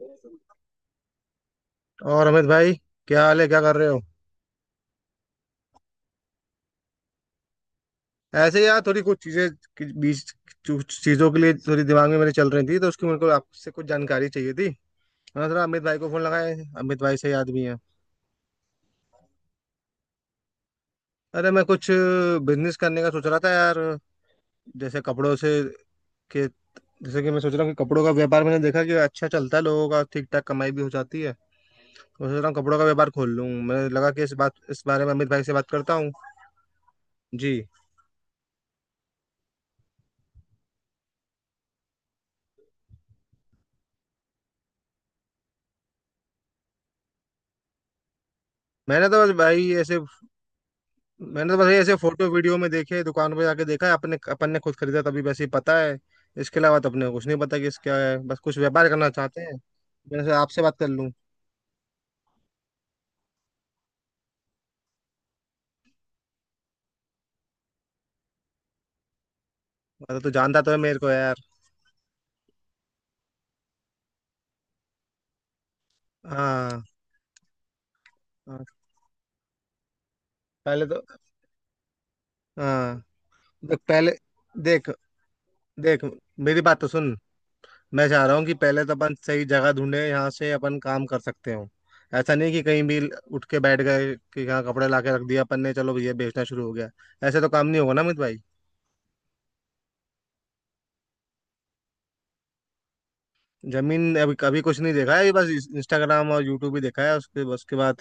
और अमित भाई, क्या हाल है? क्या कर रहे हो? ऐसे ही यार, थोड़ी कुछ चीजें कि- बीच कुछ चीजों के लिए थोड़ी दिमाग में मेरे चल रही थी, तो उसकी मेरे को आपसे कुछ जानकारी चाहिए थी। मैंने थोड़ा अमित भाई को फोन लगाया, अमित भाई सही आदमी है। अरे, मैं कुछ बिजनेस करने का सोच रहा था यार। जैसे कपड़ों से के जैसे कि मैं सोच रहा हूँ कि कपड़ों का व्यापार, मैंने देखा कि अच्छा चलता है, लोगों का ठीक ठाक कमाई भी हो जाती है। मैं सोच रहा हूँ कपड़ों का व्यापार खोल लूँ, मुझे लगा कि इस बात इस बारे में अमित भाई से बात करता हूँ। जी। मैंने तो बस भाई ऐसे मैंने तो बस ये ऐसे फोटो वीडियो में देखे, दुकान पे जाके देखा है, अपने अपन ने खुद खरीदा तभी वैसे ही पता है। इसके अलावा तो अपने को कुछ नहीं पता कि इसका है, बस कुछ व्यापार करना चाहते हैं, मैंने सोचा आपसे बात कर लूं। अरे तो जानता तो है मेरे को यार। हाँ, हाँ। पहले तो, हाँ। देख पहले। देख। देख मेरी बात तो सुन। मैं चाह रहा हूँ कि पहले तो अपन सही जगह ढूंढे, यहाँ से अपन काम कर सकते हो। ऐसा नहीं कि कहीं भी उठ के बैठ गए कि यहाँ कपड़े ला के रख दिया अपन ने, चलो ये बेचना शुरू हो गया। ऐसे तो काम नहीं होगा ना अमित भाई। जमीन अभी कभी कुछ नहीं देखा है, अभी बस इंस्टाग्राम और यूट्यूब ही देखा है, उसके बस के बाद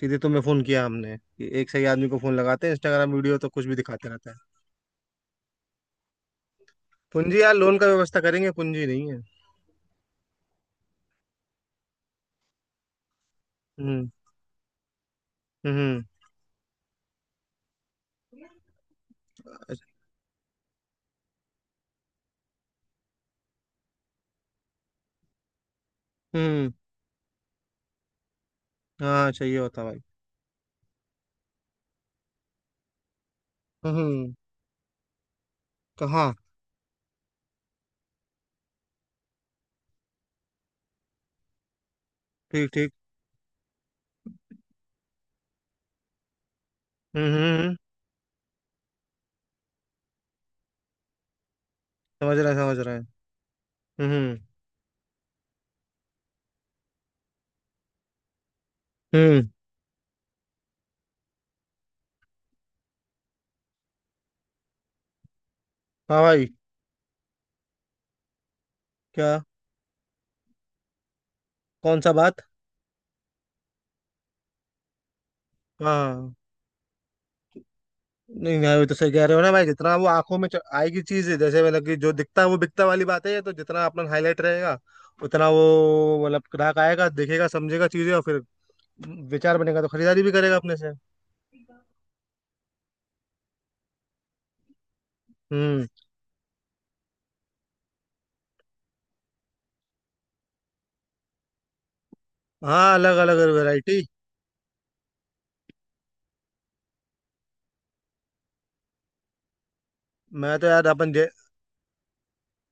सीधे तुम्हें फोन किया हमने कि एक सही आदमी को फोन लगाते हैं, इंस्टाग्राम वीडियो तो कुछ भी दिखाते रहता है। पूंजी यार, लोन का व्यवस्था करेंगे, पूंजी नहीं है। हम्म। हम्म। अच्छा। हम्म। हाँ चाहिए होता भाई। हम्म। कहाँ? ठीक, ठीक। हम्म, हम्म, हम्म। समझ रहे हैं, समझ रहे हैं। हम्म, हम्म। हाँ भाई। क्या? कौन सा बात? हाँ। नहीं, नहीं, वो तो सही कह रहे हो ना भाई, जितना वो आंखों में आएगी चीज, जैसे मतलब कि जो दिखता है वो बिकता वाली बात है, ये तो जितना अपना हाईलाइट रहेगा उतना वो मतलब ग्राहक आएगा, देखेगा, समझेगा चीजें और फिर विचार बनेगा तो खरीदारी भी करेगा अपने से। हम्म। हाँ, अलग अलग वैरायटी। मैं तो यार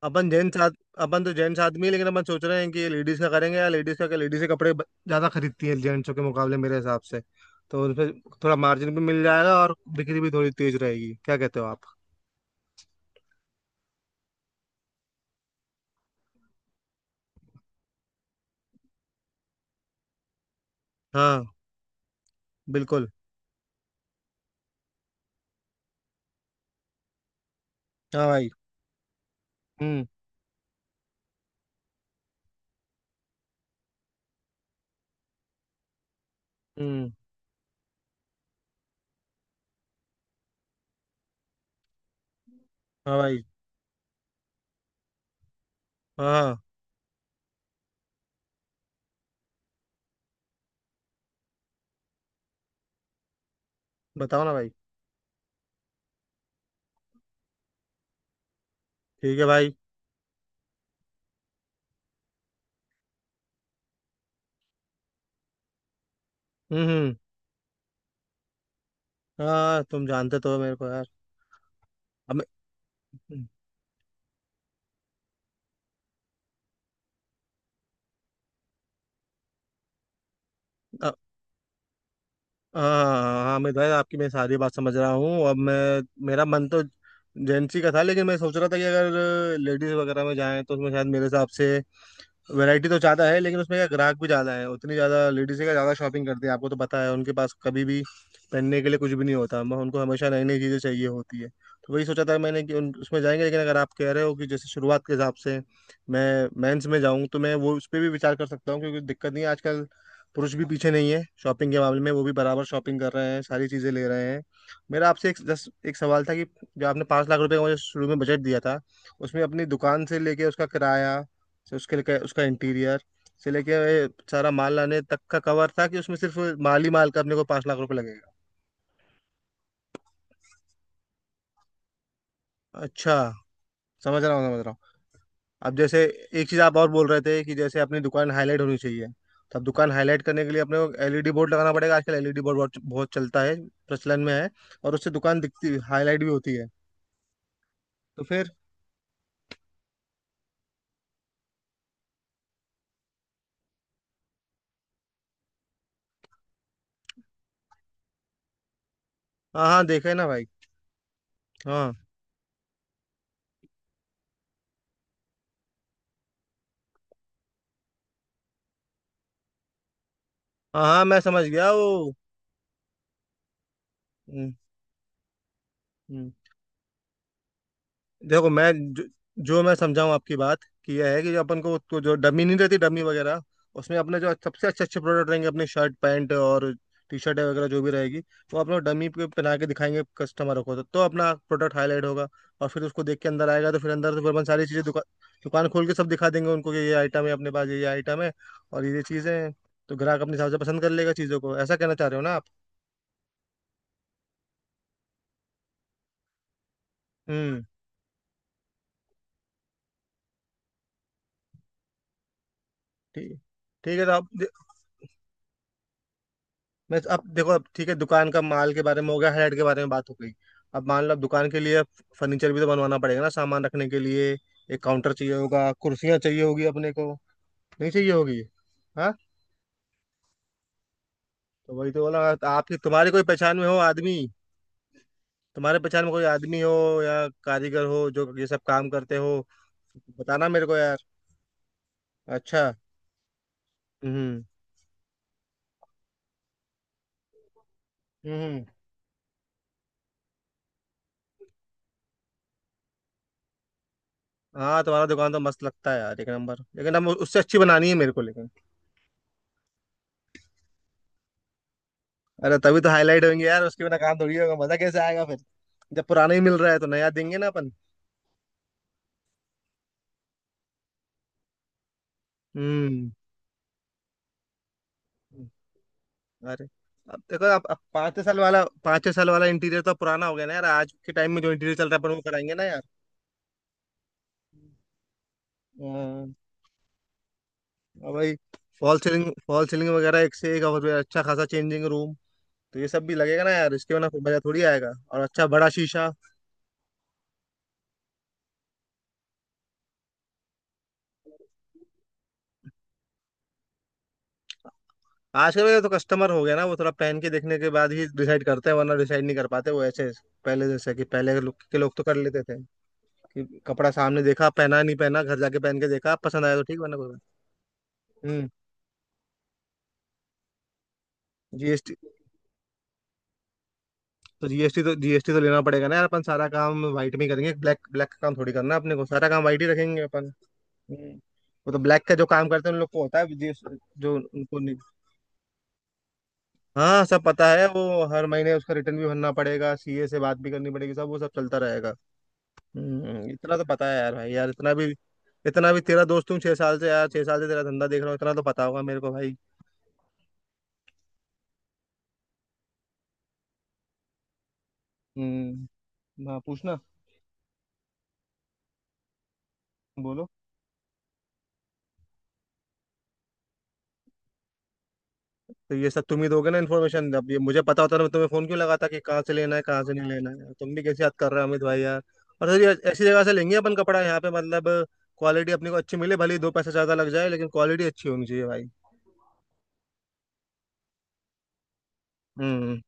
अपन जेंट्स आद, अपन तो जेंट्स आदमी है, लेकिन अपन सोच रहे हैं कि लेडीज का करेंगे यार, लेडीज का क्या, लेडीज के कपड़े ज्यादा खरीदती है जेंट्सों के मुकाबले मेरे हिसाब से। तो उनपे थोड़ा मार्जिन भी मिल जाएगा और बिक्री भी थोड़ी तेज रहेगी, क्या कहते हो आप? हाँ, बिल्कुल। हाँ भाई। हम्म, हम्म। हाँ भाई। हाँ, हाँ, बताओ ना भाई। ठीक है भाई। हम्म, हम्म। हाँ, तुम जानते तो हो मेरे को यार। अब मैं, हम्म। अ- हाँ। हाँ, मैं भाई आपकी मैं सारी बात समझ रहा हूँ, अब मैं, मेरा मन तो जेंट्स ही का था, लेकिन मैं सोच रहा था कि अगर लेडीज वगैरह में जाएं तो उसमें शायद मेरे हिसाब से वैरायटी तो ज्यादा है, लेकिन उसमें क्या ग्राहक भी ज्यादा है? उतनी ज्यादा लेडीज का ज्यादा शॉपिंग करती है, आपको तो पता है उनके पास कभी भी पहनने के लिए कुछ भी नहीं होता, उनको हमेशा नई नई चीजें चाहिए होती है। तो वही सोचा था मैंने कि उन उसमें जाएंगे, लेकिन अगर आप कह रहे हो कि जैसे शुरुआत के हिसाब से मैं मेंस में जाऊं तो मैं वो उस पर भी विचार कर सकता हूँ, क्योंकि दिक्कत नहीं है, आजकल पुरुष भी पीछे नहीं है शॉपिंग के मामले में, वो भी बराबर शॉपिंग कर रहे हैं, सारी चीजें ले रहे हैं। मेरा आपसे एक जस्ट एक सवाल था कि जो आपने 5 लाख रुपए का मुझे शुरू में बजट दिया था, उसमें अपनी दुकान से लेके उसका किराया, से उसके लिए उसका इंटीरियर, से लेके ये सारा माल लाने तक का कवर था, कि उसमें सिर्फ माल ही माल का अपने को 5 लाख रुपए लगेगा? अच्छा। समझ रहा हूँ, समझ रहा हूँ। अब जैसे एक चीज़ आप और बोल रहे थे कि जैसे अपनी दुकान हाईलाइट होनी चाहिए, तो अब दुकान हाईलाइट करने के लिए अपने को एलईडी बोर्ड लगाना पड़ेगा, आजकल एलईडी बोर्ड बहुत बहुत चलता है, प्रचलन में है, और उससे दुकान दिखती हाईलाइट भी होती है। तो फिर? हाँ, हाँ, देखा है ना भाई। हाँ, हाँ, हाँ, मैं समझ गया वो। हम्म। हम्म। देखो मैं जो, जो मैं समझाऊँ आपकी बात, कि यह है कि जो अपन को तो जो डमी नहीं रहती, डमी वगैरह उसमें अपने जो सबसे अच्छे अच्छे प्रोडक्ट रहेंगे, अपने शर्ट पैंट और टी शर्ट वगैरह जो भी रहेगी, वो अपना डमी पे पहना के दिखाएंगे कस्टमर को, तो अपना प्रोडक्ट हाईलाइट होगा, और फिर उसको देख के अंदर आएगा, तो फिर अंदर से फिर अपन सारी चीज़ें दुकान दुकान खोल के सब दिखा देंगे उनको कि ये आइटम है अपने पास, ये आइटम है और ये चीज़ें हैं, तो ग्राहक अपने हिसाब से पसंद कर लेगा चीज़ों को, ऐसा कहना चाह रहे हो ना आप? हम्म। ठीक। ठीक है, तो आप, मैं तो, अब देखो, अब ठीक है, दुकान का माल के बारे में हो गया, हेड के बारे में बात हो गई। अब मान लो अब दुकान के लिए फर्नीचर भी तो बनवाना पड़ेगा ना सामान रखने के लिए, एक काउंटर चाहिए होगा, कुर्सियां चाहिए होगी अपने को। नहीं चाहिए होगी? हाँ। तो वही तो बोला, तो आपकी तुम्हारी कोई पहचान में हो आदमी, तुम्हारे पहचान में कोई आदमी हो या कारीगर हो जो ये सब काम करते हो? बताना मेरे को यार। अच्छा। हम्म, हम्म। हाँ, तुम्हारा दुकान तो मस्त लगता है यार, एक नंबर, लेकिन अब उससे अच्छी बनानी है मेरे को, लेकिन अरे तभी तो हाईलाइट होंगे यार, उसके बिना काम थोड़ी होगा, मजा कैसे आएगा फिर? जब पुराना ही मिल रहा है तो नया देंगे ना अपन। हम्म। अरे अब देखो अब पाँच छह साल वाला इंटीरियर तो पुराना हो गया ना यार, आज के टाइम में जो इंटीरियर चल रहा है अपन वो कराएंगे ना यार। हाँ, अब भाई फॉल सीलिंग वगैरह, एक से एक, और अच्छा खासा चेंजिंग रूम, तो ये सब भी लगेगा ना यार, इसके बिना कोई मजा थोड़ी आएगा, और अच्छा बड़ा शीशा। आजकल का तो कस्टमर हो गया ना वो, थोड़ा पहन के देखने के बाद ही डिसाइड करते हैं, वरना डिसाइड नहीं कर पाते वो ऐसे। पहले जैसे कि पहले के लोग तो कर लेते थे कि कपड़ा सामने देखा, पहना नहीं पहना, घर जाके पहन के देखा, पसंद आया तो ठीक, वरना कोई बात। हम्म। जीएसटी जीएसटी तो लेना पड़ेगा ना यार, अपन सारा काम व्हाइट में ही करेंगे, ब्लैक ब्लैक का काम थोड़ी करना है अपने को, सारा काम व्हाइट ही रखेंगे अपन। हम्म। वो तो ब्लैक का जो काम करते हैं उन लोग को होता है GST, जो उनको नहीं। हाँ, सब पता है वो हर महीने उसका रिटर्न भी भरना पड़ेगा, सीए से बात भी करनी पड़ेगी, सब वो सब चलता रहेगा। हम्म, इतना तो पता है यार भाई, यार इतना भी, इतना भी तेरा दोस्त हूँ 6 साल से यार, 6 साल से तेरा धंधा देख रहा हूँ, इतना तो पता होगा मेरे को भाई। हम्म। हाँ पूछना। बोलो। तो ये सब तुम ही दोगे ना इन्फॉर्मेशन, अब ये मुझे पता होता ना मैं तुम्हें फोन क्यों लगाता कि कहाँ से लेना है, कहाँ से नहीं लेना है, तुम भी कैसे याद कर रहे हो अमित भाई यार। और सर ये ऐसी जगह से लेंगे अपन कपड़ा यहाँ पे मतलब, क्वालिटी अपने को अच्छी मिले, भले ही दो पैसा ज्यादा लग जाए, लेकिन क्वालिटी अच्छी होनी चाहिए भाई। हम्म।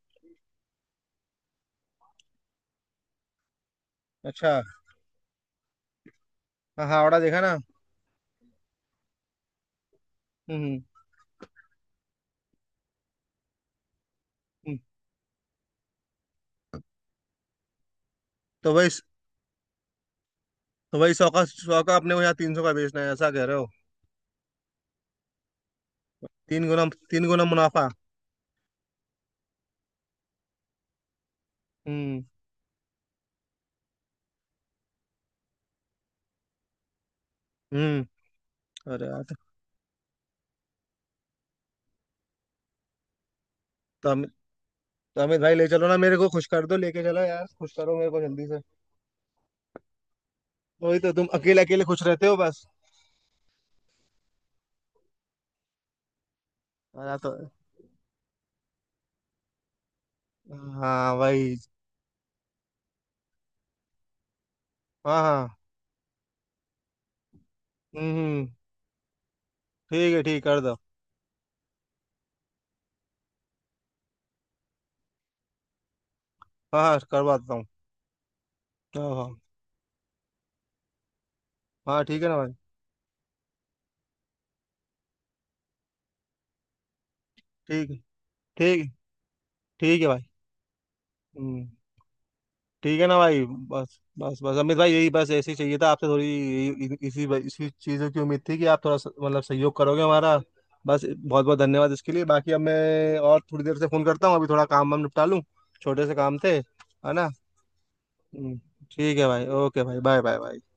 अच्छा। हाँ, हाँ, हावड़ा देखा ना। हम्म। हम्म। तो वही, तो वही 100 का सौ का अपने को यहाँ 300 का बेचना है, ऐसा कह रहे हो? 3 गुना, तीन गुना मुनाफा। हम्म। हम्म। अरे यार, तो अमित तो अमित भाई ले चलो ना मेरे को, खुश कर दो, लेके चलो यार, खुश करो मेरे को जल्दी से। वही तो तुम अकेले अकेले खुश रहते हो बस। मेरा तो, हाँ वही। हाँ, हाँ। हम्म, ठीक है, ठीक कर दो। हाँ, हाँ, करवा देता हूँ। हाँ, हाँ। हाँ, ठीक है ना भाई। ठीक है। ठीक। ठीक है भाई। हम्म। ठीक है ना भाई? बस, बस, बस, अमित भाई, यही बस ऐसे ही चाहिए था आपसे, थोड़ी इसी इसी चीज़ों की उम्मीद थी कि आप थोड़ा मतलब सहयोग करोगे हमारा। बस, बहुत बहुत धन्यवाद इसके लिए, बाकी अब मैं और थोड़ी देर से फोन करता हूँ, अभी थोड़ा काम वाम निपटा लूँ, छोटे से काम थे, है ना? हम्म। ठीक है भाई, ओके भाई, बाय, बाय, बाय।